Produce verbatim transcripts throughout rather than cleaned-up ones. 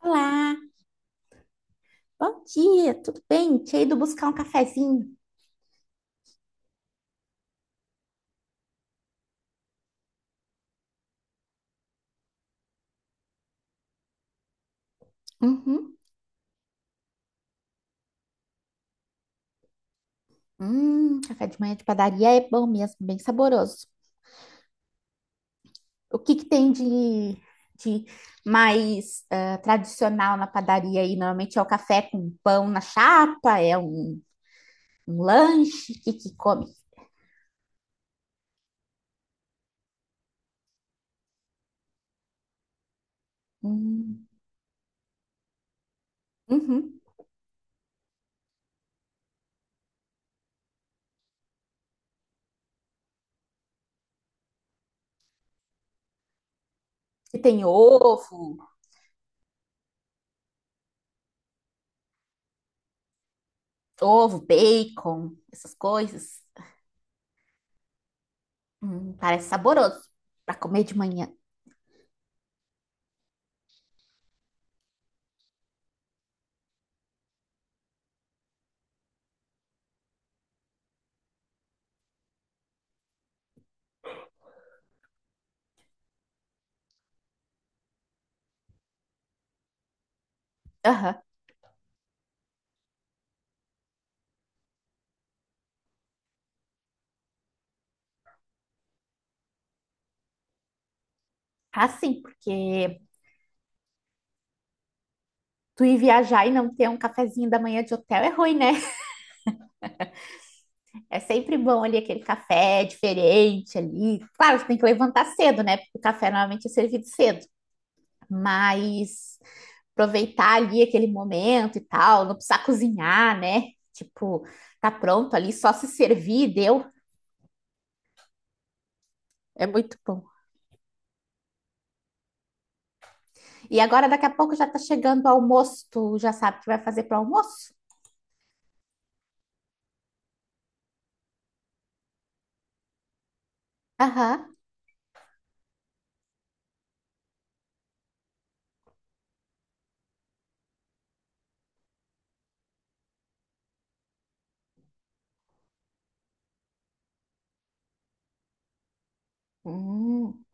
Olá, bom dia, tudo bem? Tinha ido buscar um cafezinho. Uhum. Hum, café de manhã de padaria é bom mesmo, bem saboroso. O que que tem de, de mais eh, tradicional na padaria aí? Normalmente é o café com pão na chapa, é um, um lanche, o que que come? Hum, uhum. E tem ovo, ovo, bacon, essas coisas. Hum, parece saboroso para comer de manhã. Aham. Ah, sim, porque tu ir viajar e não ter um cafezinho da manhã de hotel é ruim, né? É sempre bom ali aquele café diferente ali. Claro, você tem que levantar cedo, né? Porque o café normalmente é servido cedo. Mas aproveitar ali aquele momento e tal, não precisar cozinhar, né? Tipo, tá pronto ali, só se servir, deu. É muito bom. E agora daqui a pouco já tá chegando o almoço, tu já sabe o que vai fazer pro almoço? Aham. Hum,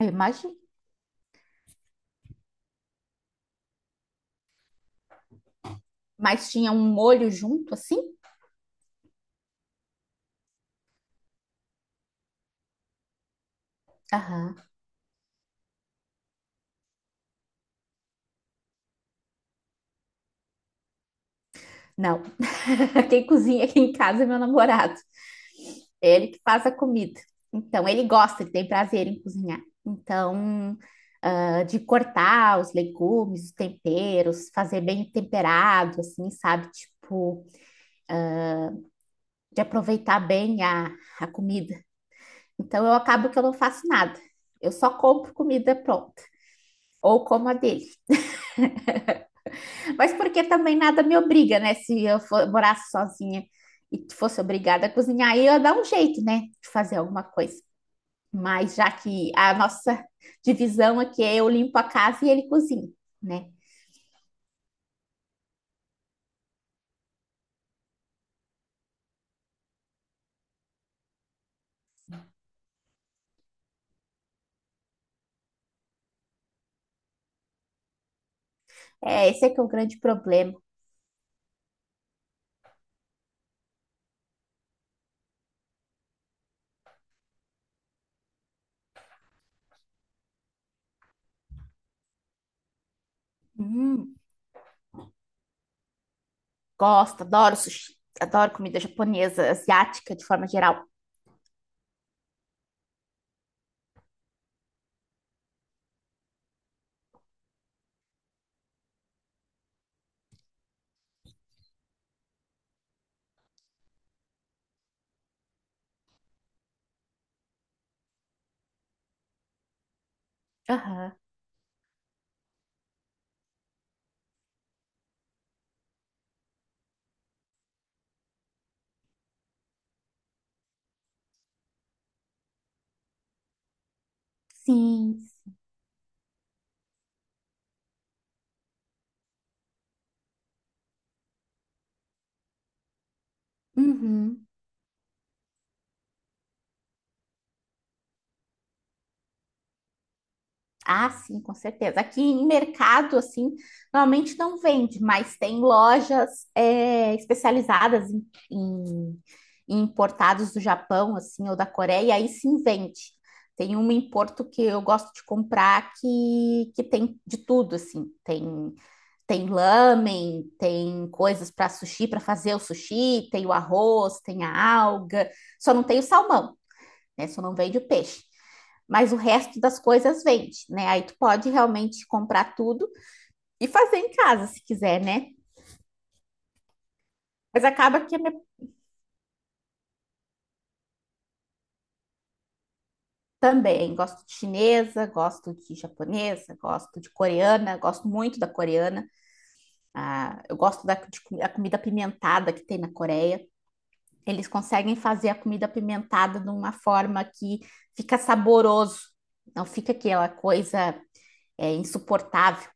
eu imagino. Mas tinha um molho junto assim? Aham. Não. Quem cozinha aqui em casa é meu namorado. É ele que faz a comida. Então, ele gosta, ele tem prazer em cozinhar. Então, ah, de cortar os legumes, os temperos, fazer bem temperado, assim, sabe? Tipo, de aproveitar bem a, a comida. Então, eu acabo que eu não faço nada. Eu só compro comida pronta, ou como a dele. Mas porque também nada me obriga, né? Se eu for, morasse sozinha e fosse obrigada a cozinhar, aí eu ia dar um jeito, né? De fazer alguma coisa. Mas já que a nossa divisão aqui é eu limpo a casa e ele cozinha, né? É, esse é que é o grande problema. Hum, gosto, adoro sushi, adoro comida japonesa, asiática de forma geral. Aham, sim. Uhum. Ah, sim, com certeza. Aqui em mercado, assim, normalmente não vende, mas tem lojas é, especializadas em, em- em importados do Japão, assim, ou da Coreia, e aí sim vende. Tem uma em Porto que eu gosto de comprar que, que tem de tudo, assim. Tem, tem lamen, tem coisas para sushi, para fazer o sushi, tem o arroz, tem a alga, só não tem o salmão, né? Só não vende o peixe, mas o resto das coisas vende, né? Aí tu pode realmente comprar tudo e fazer em casa se quiser, né? Mas acaba que é minha... também gosto de chinesa, gosto de japonesa, gosto de coreana, gosto muito da coreana. Ah, eu gosto da de, a comida pimentada que tem na Coreia. Eles conseguem fazer a comida pimentada de uma forma que fica saboroso, não fica aquela coisa é, insuportável.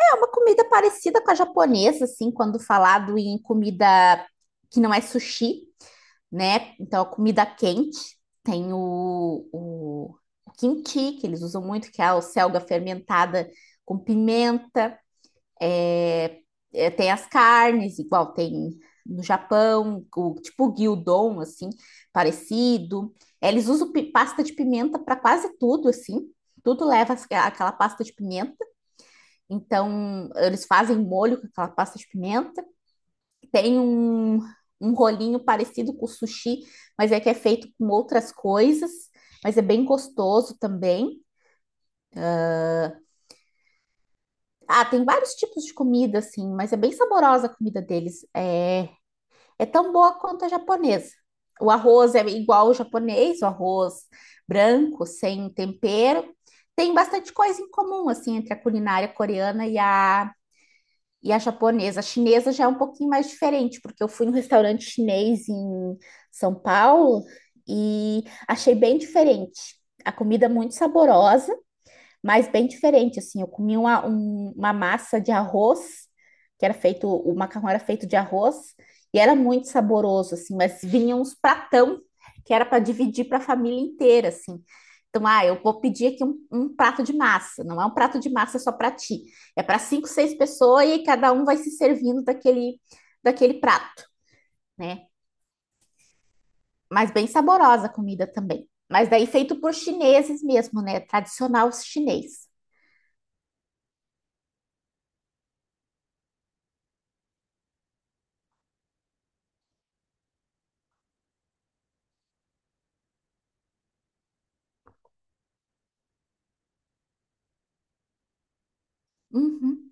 É uma comida parecida com a japonesa, assim, quando falado em comida que não é sushi, né? Então, a comida quente. Tem o, o, o kimchi, que eles usam muito, que é a selga fermentada com pimenta. É, é, tem as carnes, igual tem no Japão, o, tipo o gyudon, assim, parecido. É, eles usam pi- pasta de pimenta para quase tudo, assim. Tudo leva as- aquela pasta de pimenta. Então, eles fazem molho com aquela pasta de pimenta. Tem um, um rolinho parecido com o sushi, mas é que é feito com outras coisas, mas é bem gostoso também. Ah, tem vários tipos de comida, assim, mas é bem saborosa a comida deles. É, é tão boa quanto a japonesa. O arroz é igual ao japonês, o arroz branco, sem tempero. Tem bastante coisa em comum, assim, entre a culinária coreana e a e a japonesa. A chinesa já é um pouquinho mais diferente, porque eu fui num restaurante chinês em São Paulo e achei bem diferente. A comida muito saborosa, mas bem diferente, assim. Eu comi uma, um- uma massa de arroz, que era feito, o macarrão era feito de arroz, e era muito saboroso, assim, mas vinha uns pratão que era para dividir para a família inteira, assim. Então, ah, eu vou pedir aqui um, um prato de massa. Não é um prato de massa só para ti. É para cinco, seis pessoas e cada um vai se servindo daquele, daquele prato, né? Mas bem saborosa a comida também. Mas daí feito por chineses mesmo, né? Tradicional chinês. Uhum.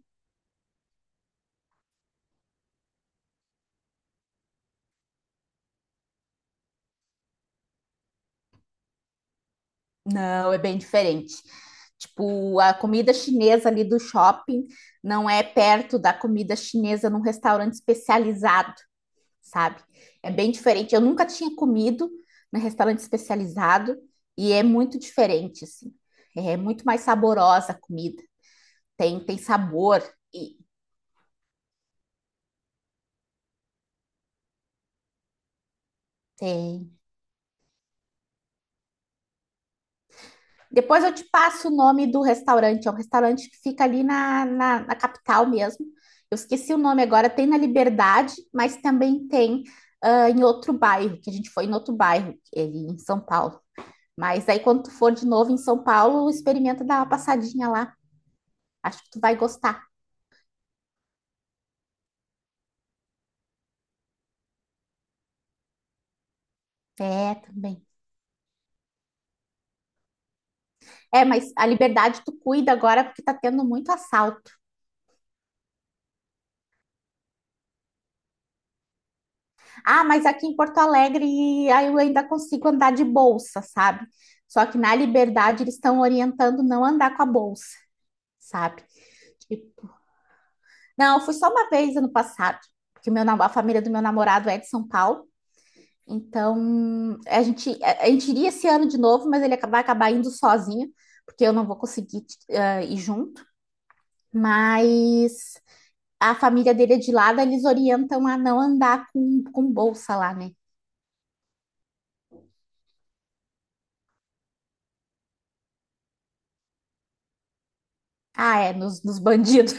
Não, é bem diferente. Tipo, a comida chinesa ali do shopping não é perto da comida chinesa num restaurante especializado, sabe? É bem diferente. Eu nunca tinha comido num restaurante especializado e é muito diferente, assim. É muito mais saborosa a comida. Tem, tem sabor e tem. Depois eu te passo o nome do restaurante. É um restaurante que fica ali na, na, na capital mesmo. Eu esqueci o nome agora. Tem na Liberdade, mas também tem ah, em outro bairro, que a gente foi em outro bairro, ele em São Paulo. Mas aí quando tu for de novo em São Paulo, experimenta dar uma passadinha lá. Acho que tu vai gostar. É, também. É, mas a Liberdade tu cuida agora porque tá tendo muito assalto. Ah, mas aqui em Porto Alegre aí eu ainda consigo andar de bolsa, sabe? Só que na Liberdade eles estão orientando não andar com a bolsa, sabe? Tipo, não, eu fui só uma vez ano passado, porque o meu, nam- a família do meu namorado é de São Paulo. Então, a gente, a a gente iria esse ano de novo, mas ele acaba- vai acabar indo sozinho, porque eu não vou conseguir, eh, ir junto. Mas a família dele é de lá, daí eles orientam a não andar com, com bolsa lá, né? Ah, é, nos, nos bandidos.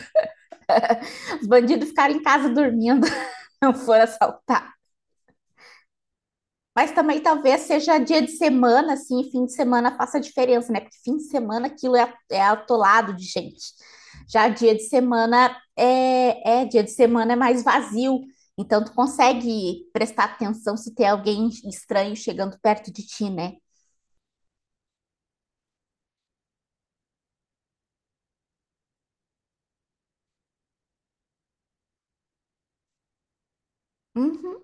Os bandidos ficarem em casa dormindo, não foram assaltar. Mas também talvez seja dia de semana, assim, fim de semana faça diferença, né? Porque fim de semana aquilo é, é atolado de gente. Já dia de semana é, é dia de semana é mais vazio. Então tu consegue prestar atenção se tem alguém estranho chegando perto de ti, né? Uhum.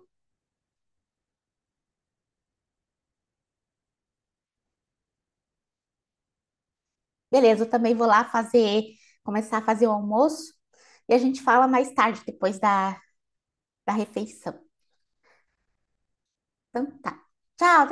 Beleza, eu também vou lá fazer, começar a fazer o almoço e a gente fala mais tarde, depois da, da refeição. Então tá. Tchau,